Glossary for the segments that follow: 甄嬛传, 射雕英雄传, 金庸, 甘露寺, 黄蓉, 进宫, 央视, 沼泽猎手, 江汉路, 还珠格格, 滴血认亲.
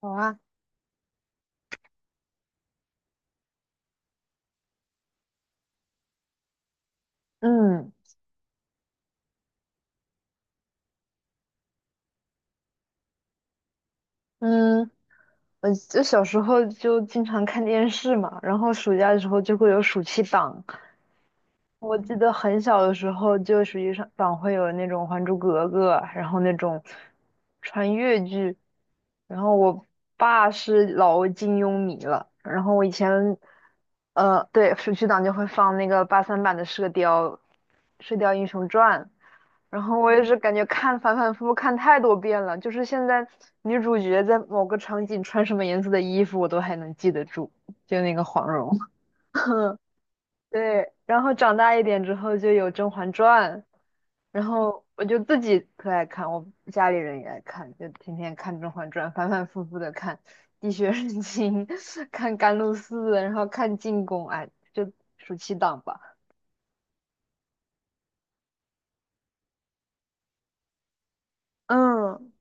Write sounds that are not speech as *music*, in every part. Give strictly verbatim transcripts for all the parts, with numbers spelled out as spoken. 好啊，嗯嗯，我就小时候就经常看电视嘛，然后暑假的时候就会有暑期档。我记得很小的时候，就实际上党会有那种《还珠格格》，然后那种穿越剧。然后我爸是老金庸迷了，然后我以前，呃，对，暑期档就会放那个八三版的《射雕》《射雕英雄传》。然后我也是感觉看反反复复看太多遍了，就是现在女主角在某个场景穿什么颜色的衣服，我都还能记得住，就那个黄蓉。*laughs* 对，然后长大一点之后就有《甄嬛传》，然后我就自己特爱看，我家里人也爱看，就天天看《甄嬛传》，反反复复的看《滴血认亲》，*laughs* 看《甘露寺》，然后看《进宫》，哎，就暑期档吧。嗯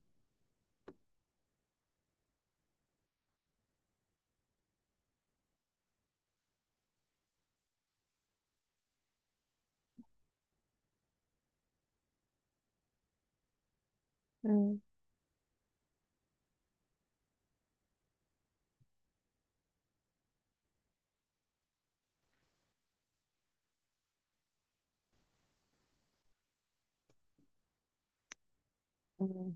嗯嗯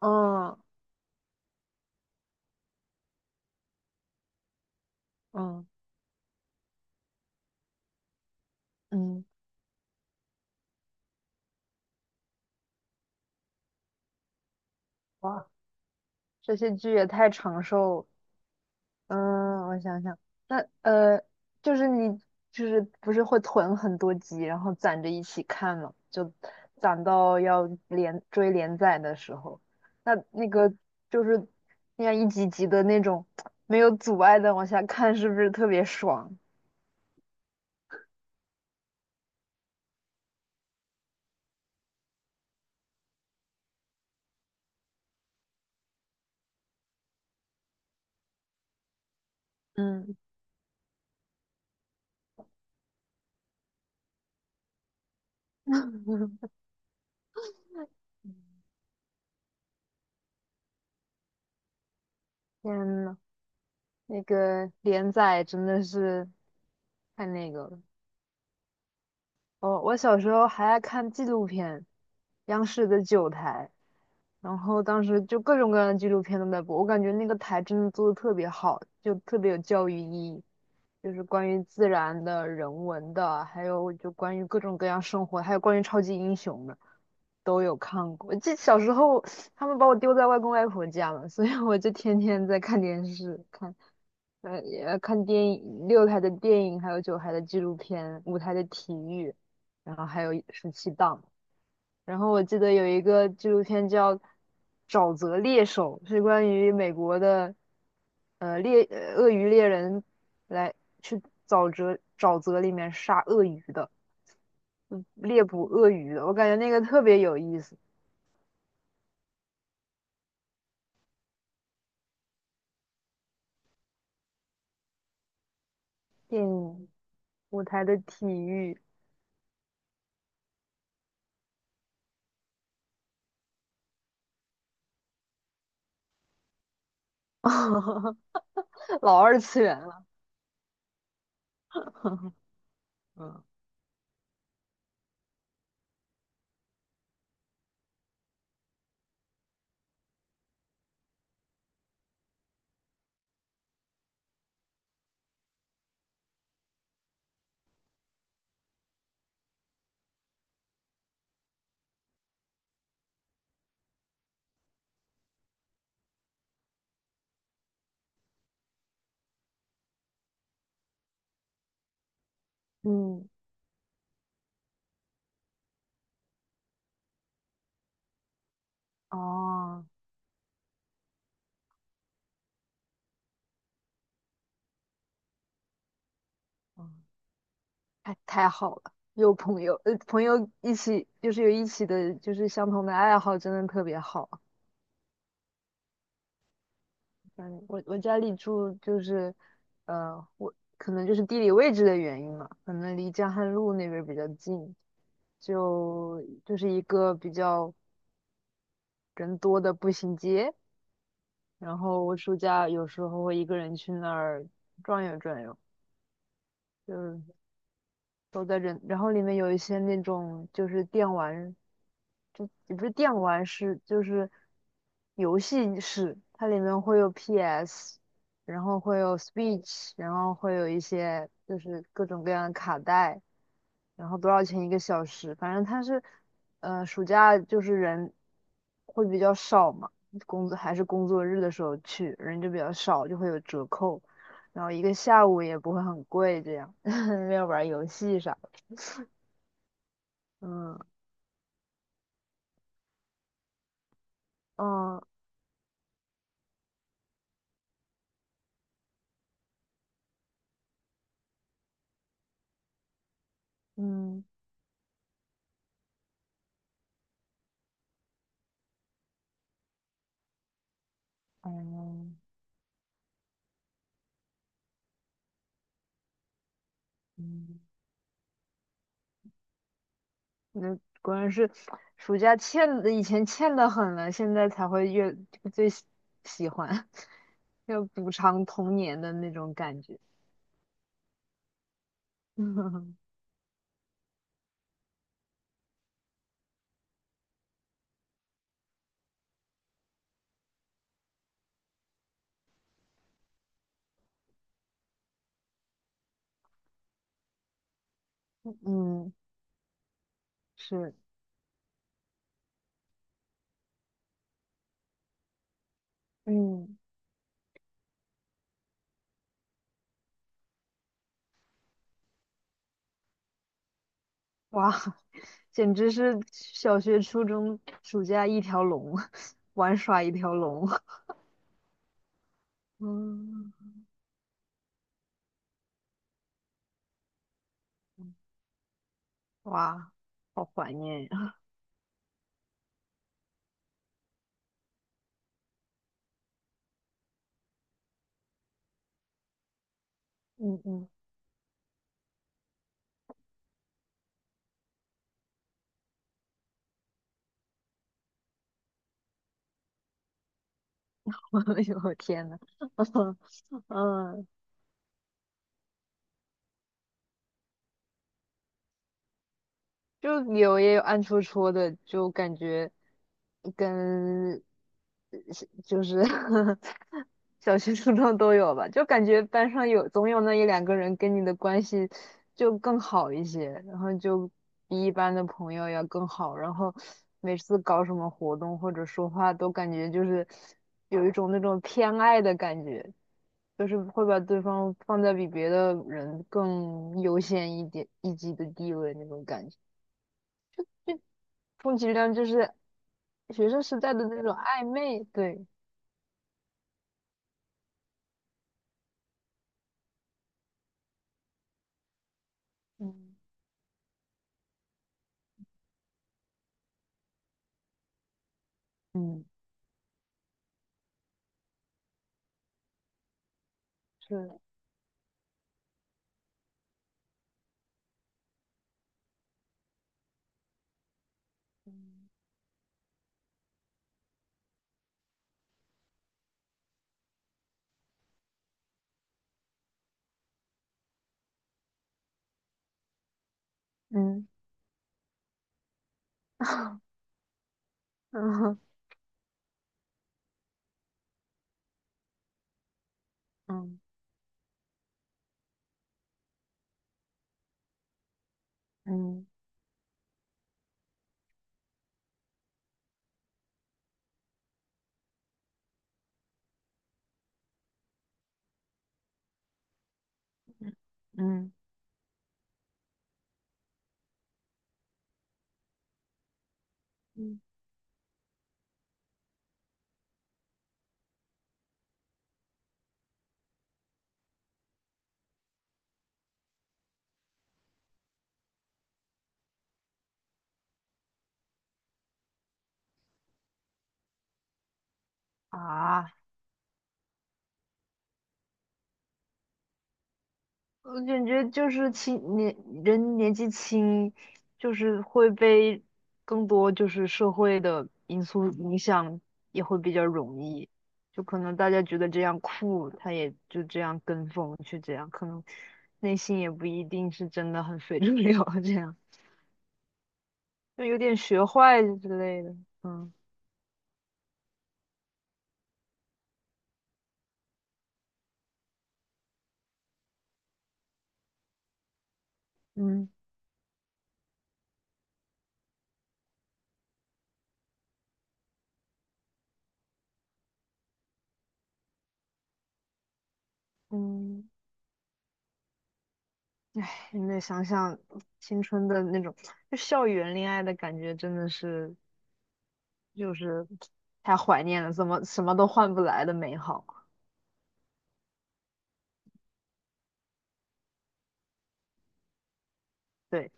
嗯嗯，嗯，哇，这些剧也太长寿了。嗯，我想想。那呃，就是你就是不是会囤很多集，然后攒着一起看嘛，就攒到要连追连载的时候。那那个就是那样一集集的那种没有阻碍的往下看，是不是特别爽？嗯，*laughs* 天呐，那个连载真的是太那个了。哦，我小时候还爱看纪录片，央视的九台，然后当时就各种各样的纪录片都在播，我感觉那个台真的做的特别好，就特别有教育意义，就是关于自然的、人文的，还有就关于各种各样生活，还有关于超级英雄的都有看过。我这小时候他们把我丢在外公外婆家了，所以我就天天在看电视，看呃也看电影，六台的电影，还有九台的纪录片，五台的体育。然后还有十七档。然后我记得有一个纪录片叫《沼泽猎手》，是关于美国的呃猎呃鳄鱼猎人来去沼泽沼泽里面杀鳄鱼的，嗯猎捕鳄鱼的。我感觉那个特别有意思。电影舞台的体育，*laughs* 老二次元了。*laughs* 嗯嗯哦。哦太太好了，有朋友，呃，朋友一起就是有一起的，就是相同的爱好，真的特别好。嗯，我我家里住就是，呃，我可能就是地理位置的原因嘛，可能离江汉路那边儿比较近，就就是一个比较人多的步行街。然后我暑假有时候会一个人去那儿转悠转悠，就是都在人，然后里面有一些那种就是电玩。就也不是电玩室，就是游戏室，它里面会有 P S，然后会有 s p e e c h 然后会有一些就是各种各样的卡带，然后多少钱一个小时？反正它是，呃，暑假就是人会比较少嘛，工作还是工作日的时候去，人就比较少，就会有折扣，然后一个下午也不会很贵，这样 *laughs* 要玩游戏啥的。嗯嗯嗯嗯嗯。那果然是暑假欠的，以前欠的很了，现在才会越最喜喜欢，*laughs* 要补偿童年的那种感觉。*laughs* 嗯，是，嗯，哇，*laughs* 简直是小学、初中暑假一条龙，*laughs* 玩耍一条龙。*laughs* 嗯，哇，好怀念呀。*laughs* 嗯嗯，*laughs* 我天呐，*laughs* 嗯。就有也有暗戳戳的，就感觉跟就是 *laughs* 小学、初中都有吧，就感觉班上有总有那一两个人跟你的关系就更好一些，然后就比一般的朋友要更好，然后每次搞什么活动或者说话都感觉就是有一种那种偏爱的感觉，就是会把对方放在比别的人更优先一点一级的地位那种感觉。充其量就是学生时代的那种暧昧。对，嗯嗯是，嗯嗯嗯嗯嗯嗯啊，我感觉就是轻年人年纪轻，就是会被更多就是社会的因素影响，也会比较容易，就可能大家觉得这样酷，他也就这样跟风去这样，可能内心也不一定是真的很 *laughs* 非主流这样。就有点学坏之类的。嗯嗯，嗯，现在想想青春的那种，就校园恋爱的感觉，真的是就是太怀念了，怎么什么都换不来的美好。对。